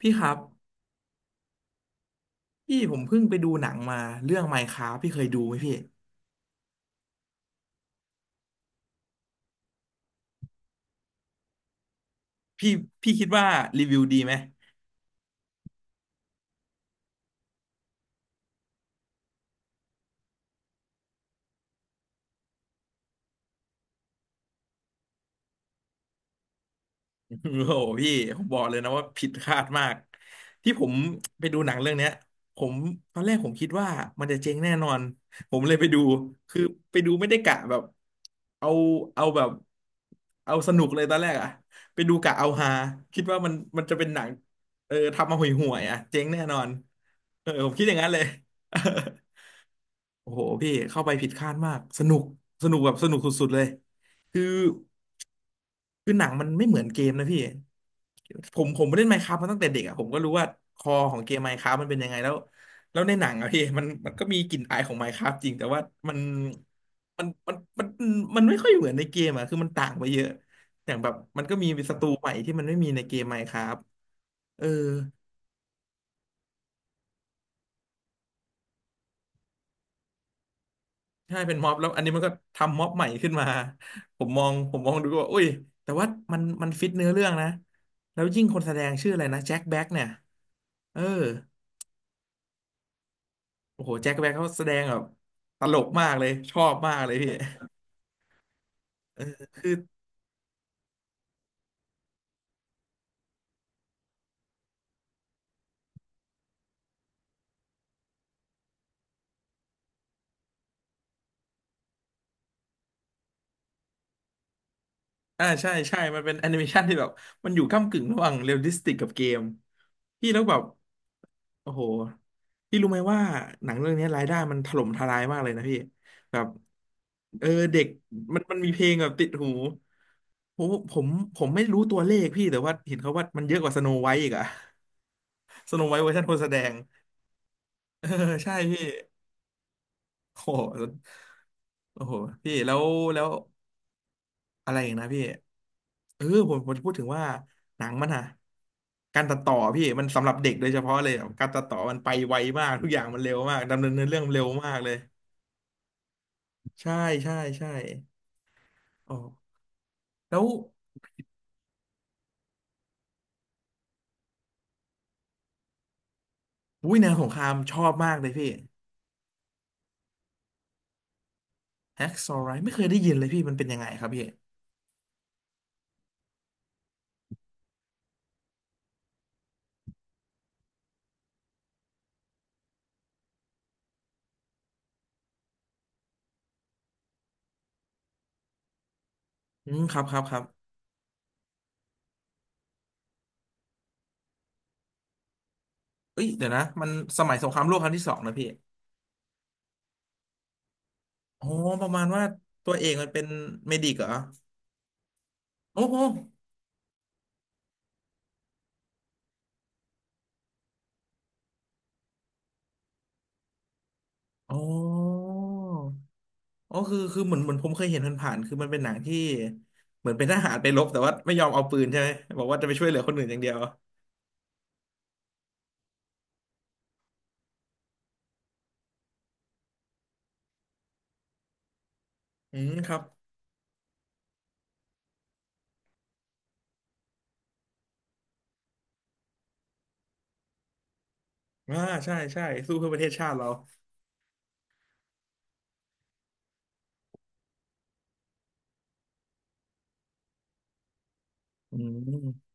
พี่ครับพี่ผมเพิ่งไปดูหนังมาเรื่อง Minecraft พี่เคยดูไหมพี่พี่คิดว่ารีวิวดีไหม โอ้โหพี่ผมบอกเลยนะว่าผิดคาดมากที่ผมไปดูหนังเรื่องเนี้ยผมตอนแรกผมคิดว่ามันจะเจ๊งแน่นอนผมเลยไปดูคือไปดูไม่ได้กะแบบเอาเอาแบบเอาสนุกเลยตอนแรกอะไปดูกะเอาฮาคิดว่ามันจะเป็นหนังเออทำมาห่วยๆอะเจ๊งแน่นอนเออผมคิดอย่างนั้นเลย โอ้โหพี่เข้าไปผิดคาดมากสนุกสนุกแบบสนุกสุดๆเลยคือคือหนังมันไม่เหมือนเกมนะพี่ผมเล่น Minecraft มาตั้งแต่เด็กอ่ะผมก็รู้ว่าคอของเกม Minecraft มันเป็นยังไงแล้วแล้วในหนังอะพี่ มันก็มีกลิ่นอายของ Minecraft จริงแต่ว่ามันมันมันไม่ค่อยเหมือนในเกมอ่ะคือมันต่างไปเยอะอย่างแบบมันก็มีศัตรูใหม่ที่มันไม่มีในเกม Minecraft เออ ใช่เป็นม็อบแล้วอันนี้มันก็ทำม็อบใหม่ขึ้นมาผมมองดูก็ว่าอุ้ยแต่ว่ามันฟิตเนื้อเรื่องนะแล้วยิ่งคนแสดงชื่ออะไรนะแจ็คแบ็กเนี่ยเออโอ้โหแจ็คแบ็กเขาแสดงแบบตลกมากเลยชอบมากเลยพี่เออคืออ่าใช่ใช่มันเป็นแอนิเมชันที่แบบมันอยู่ก้ำกึ่งระหว่างเรียลลิสติกกับเกมพี่แล้วแบบ โอ้โหพี่รู้ไหมว่าหนังเรื่องนี้รายได้มันถล่มทลายมากเลยนะพี่แบบเออเด็กมันมีเพลงแบบติดหูผมผมผมไม่รู้ตัวเลขพี่แต่ว่าเห็นเขาว่ามันเยอะกว่าสโนไวท์อีกอะ สโนไวท์เวอร์ชันคนแสดงเออใช่พี่โอ้โหโอ้โหพี่แล้วอะไรอย่างนะพี่เออผมจะพูดถึงว่าหนังมันอะการตัดต่อพี่มันสำหรับเด็กโดยเฉพาะเลยอะการตัดต่อมันไปไวมากทุกอย่างมันเร็วมากดำเนินเนื้อเรื่องเร็วมากเลย ใช่ใช่ใช่อ๋อแล้ววุ้ยแนวสงครามชอบมากเลยพี่แฮกซอว์ไรไม่เคยได้ยินเลยพี่ มันเป็นยังไงครับพี่อืมครับครับครับเอ้ยเดี๋ยวนะมันสมัยสงครามโลกครั้งที่สองนะพี่ อ๋อ ประมาณว่า ตัวเอกมันเป็นเมดิกเหรอโอ้โหอ๋ออ๋อคือ คือเหมือนผมเคยเห็นผ่านๆคือมันเป็นหนังที่ เหมือนเป็นทหารไปรบแต่ว่าไม่ยอมเอาปืนใช่ไหมบอกว่าจะไปช่วยเหลือคนอื่นอย่างเดียวอืมครับอ่าใช่ใช่สู้เพื่อประเทศชาติเราอืม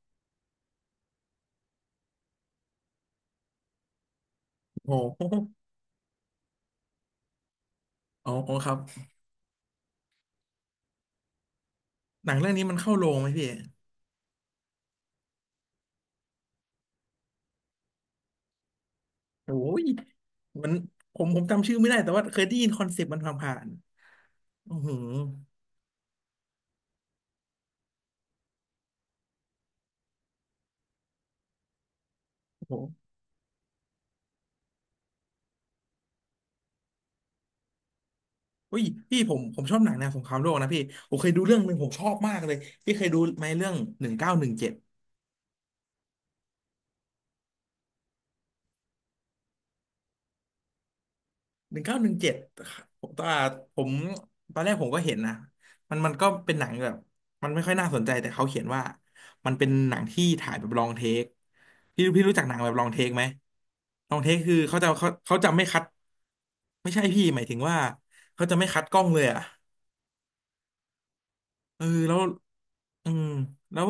โอ้โห อ๋อครับหนังเรื่องนี้มันเข้าโรงไหมพี่โอ้ยมันผมจำชื่อไม่ได้แต่ว่าเคยได้ยินคอนเซปต์มันผ่านๆโอ้โหโอ้โหเฮ้ยพี่ผมชอบหนังแนวสงครามโลกนะพี่ผมเคยดูเรื่องหนึ่งผมชอบมากเลยพี่เคยดูไหมเรื่องหนึ่งเก้าหนึ่งเจ็ดหนึ่งเก้าหนึ่งเจ็ดผมตอนผมตอนแรกผมก็เห็นนะมันก็เป็นหนังแบบมันไม่ค่อยน่าสนใจแต่เขาเขียนว่ามันเป็นหนังที่ถ่ายแบบลองเทคพี่รู้จักหนังแบบลองเทคไหมลองเทคคือเขาจะไม่คัด ไม่ใช่พี่หมายถึงว่าเขาจะไม่คัดกล้องเลยอ่ะเออแล้วอืมแล้ว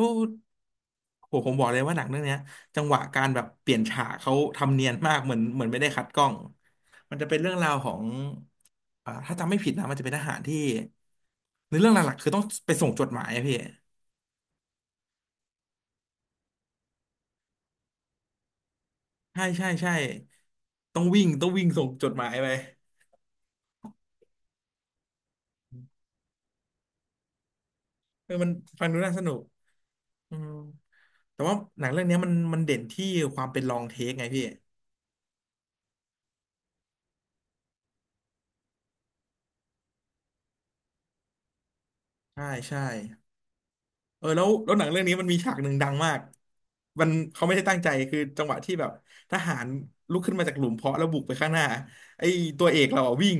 โหผมบอกเลยว่าหนังเรื่องเนี้ยจังหวะการแบบเปลี่ยนฉากเขาทำเนียนมากเหมือนเหมือนไม่ได้คัดกล้องมันจะเป็นเรื่องราวของอ่าถ้าจำไม่ผิดนะมันจะเป็นทหารที่ในเรื่องหลักๆคือต้องไปส่งจดหมายอะพี่ใช่ใช่ใช่ต้องวิ่งส่งจดหมายไปเออมันฟังดูน่าสนุกอืมแต่ว่าหนังเรื่องเนี้ยมันมันเด่นที่ความเป็นลองเทคไงพี่ใช่ใช่ เออแล้วแล้วหนังเรื่องนี้มันมีฉากหนึ่งดังมากมันเขาไม่ได้ตั้งใจคือจังหวะที่แบบทหารลุกขึ้นมาจากหลุมเพาะแล้วบุกไปข้างหน้าไอ้ตัวเอกเราอะวิ่ง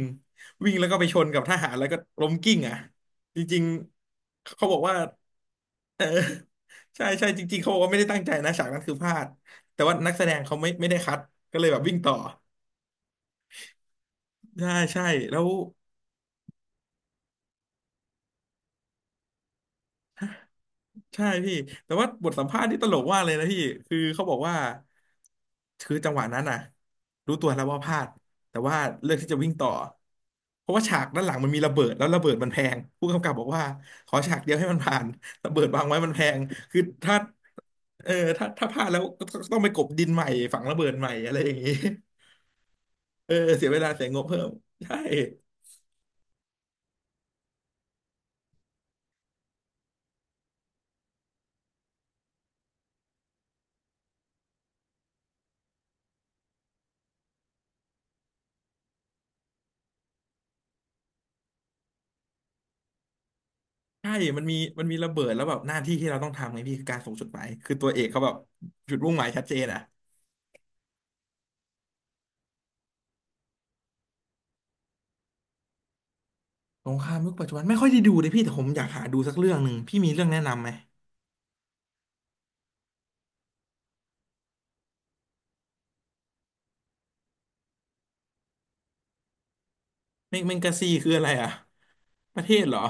วิ่งแล้วก็ไปชนกับทหารแล้วก็ล้มกิ้งอ่ะจริงๆเขาบอกว่าเออ ใช่ใช่จริงๆเขาบอกว่าไม่ได้ตั้งใจนะฉากนั้นคือพลาดแต่ว่านักแสดงเขาไม่ได้คัดก็เลยแบบวิ่งต่อใช่ใช่แล้วใช่พี่แต่ว่าบทสัมภาษณ์ที่ตลกมากเลยนะพี่คือเขาบอกว่า คือจังหวะนั้นน่ะรู้ตัวแล้วว่าพลาดแต่ว่าเลือกที่จะวิ่งต่อเพราะว่าฉากด้านหลังมันมีระเบิดแล้วระเบิดมันแพงผู้กำกับบอกว่าขอฉากเดียวให้มันผ่านระเบิดวางไว้มันแพงคือถ้าเออถ้าพลาดแล้วก็ต้องไปกลบดินใหม่ฝังระเบิดใหม่อะไรอย่างนี้เออเสียเวลาเสียงบเพิ่มใช่ใช่มันมีระเบิดแล้วแบบหน้าที่ที่เราต้องทำไงพี่คือการส่งจดหมายคือตัวเอกเขาแบบจุดมุ่งหมายชัดเจนอะสงครามยุคปัจจุบันไม่ค่อยได้ดูเลยพี่แต่ผมอยากหาดูสักเรื่องหนึ่งพี่มีเรื่องแนะนำไหม แมงกะซีคืออะไรอ่ะประเทศเหรอ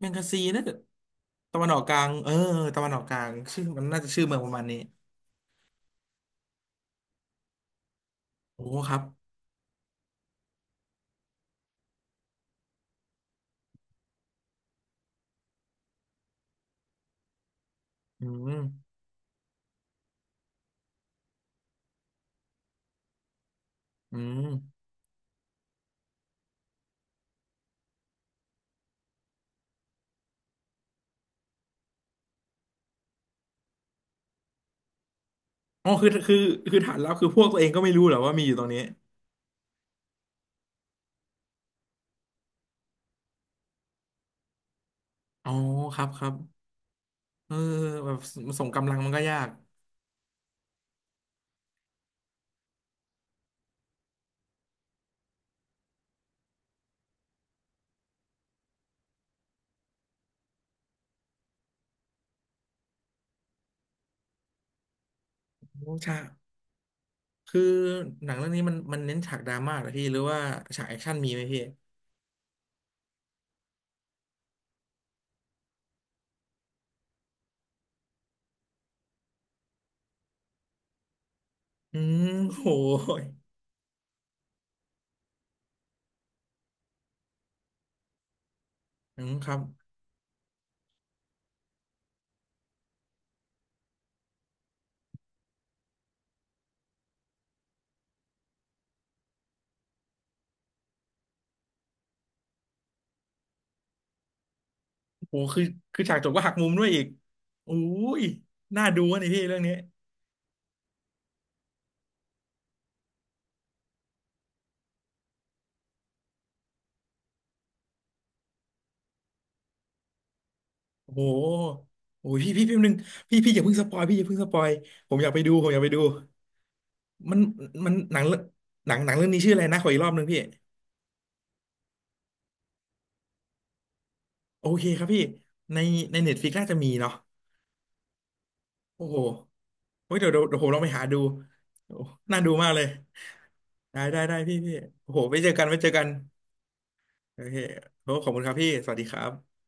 แมงกะซีน่าจะตะวันออกกลางเออตะวันออกกลางชื่อมันน่าจะชื่อเมืองประมาณนี้ โอ้ครับอืมอืมอ๋อคือคือฐานลับคือพวกตัวเองก็ไม่รู้เหรอว่ามีอยู่ตรงนี้อ๋อครับครับเออแบบส่งกำลังมันก็ยากโอ้ฉากคือหนังเรื่องนี้มันเน้นฉากดราม่าเหรอพี่หรือว่าฉากแอคชั่นมีไหมพี่อืมโหยอืมครับโอ้คือคือฉากจบก็หักมุมด้วยอีก อุ้ยน่าดูอะนี่พี่เรื่องนี้ โอ้โหโอ้ยพี่พี่พี่แป๊บนึงพี่พี่อย่าเพิ่งสปอยพี่อย่าเพิ่งสปอย ผมอยากไปดูผมอยากไปดูมันมันหนังเรื่องหนังเรื่องนี้ชื่ออะไรนะขออีกรอบนึงพี่โอเคครับพี่ในเน็ตฟลิกน่าจะมีเนาะโอ้โหเฮ้ยเดี๋ยวเดี๋ยวเดี๋ยวผมลองไปหาดูโอ้น่าดูมากเลยได้ได้ได้พี่พี่โอ้โหไว้เจอกันไว้เจอกันโอเคโอ้ขอบคุณครับพี่สวัสดีครับ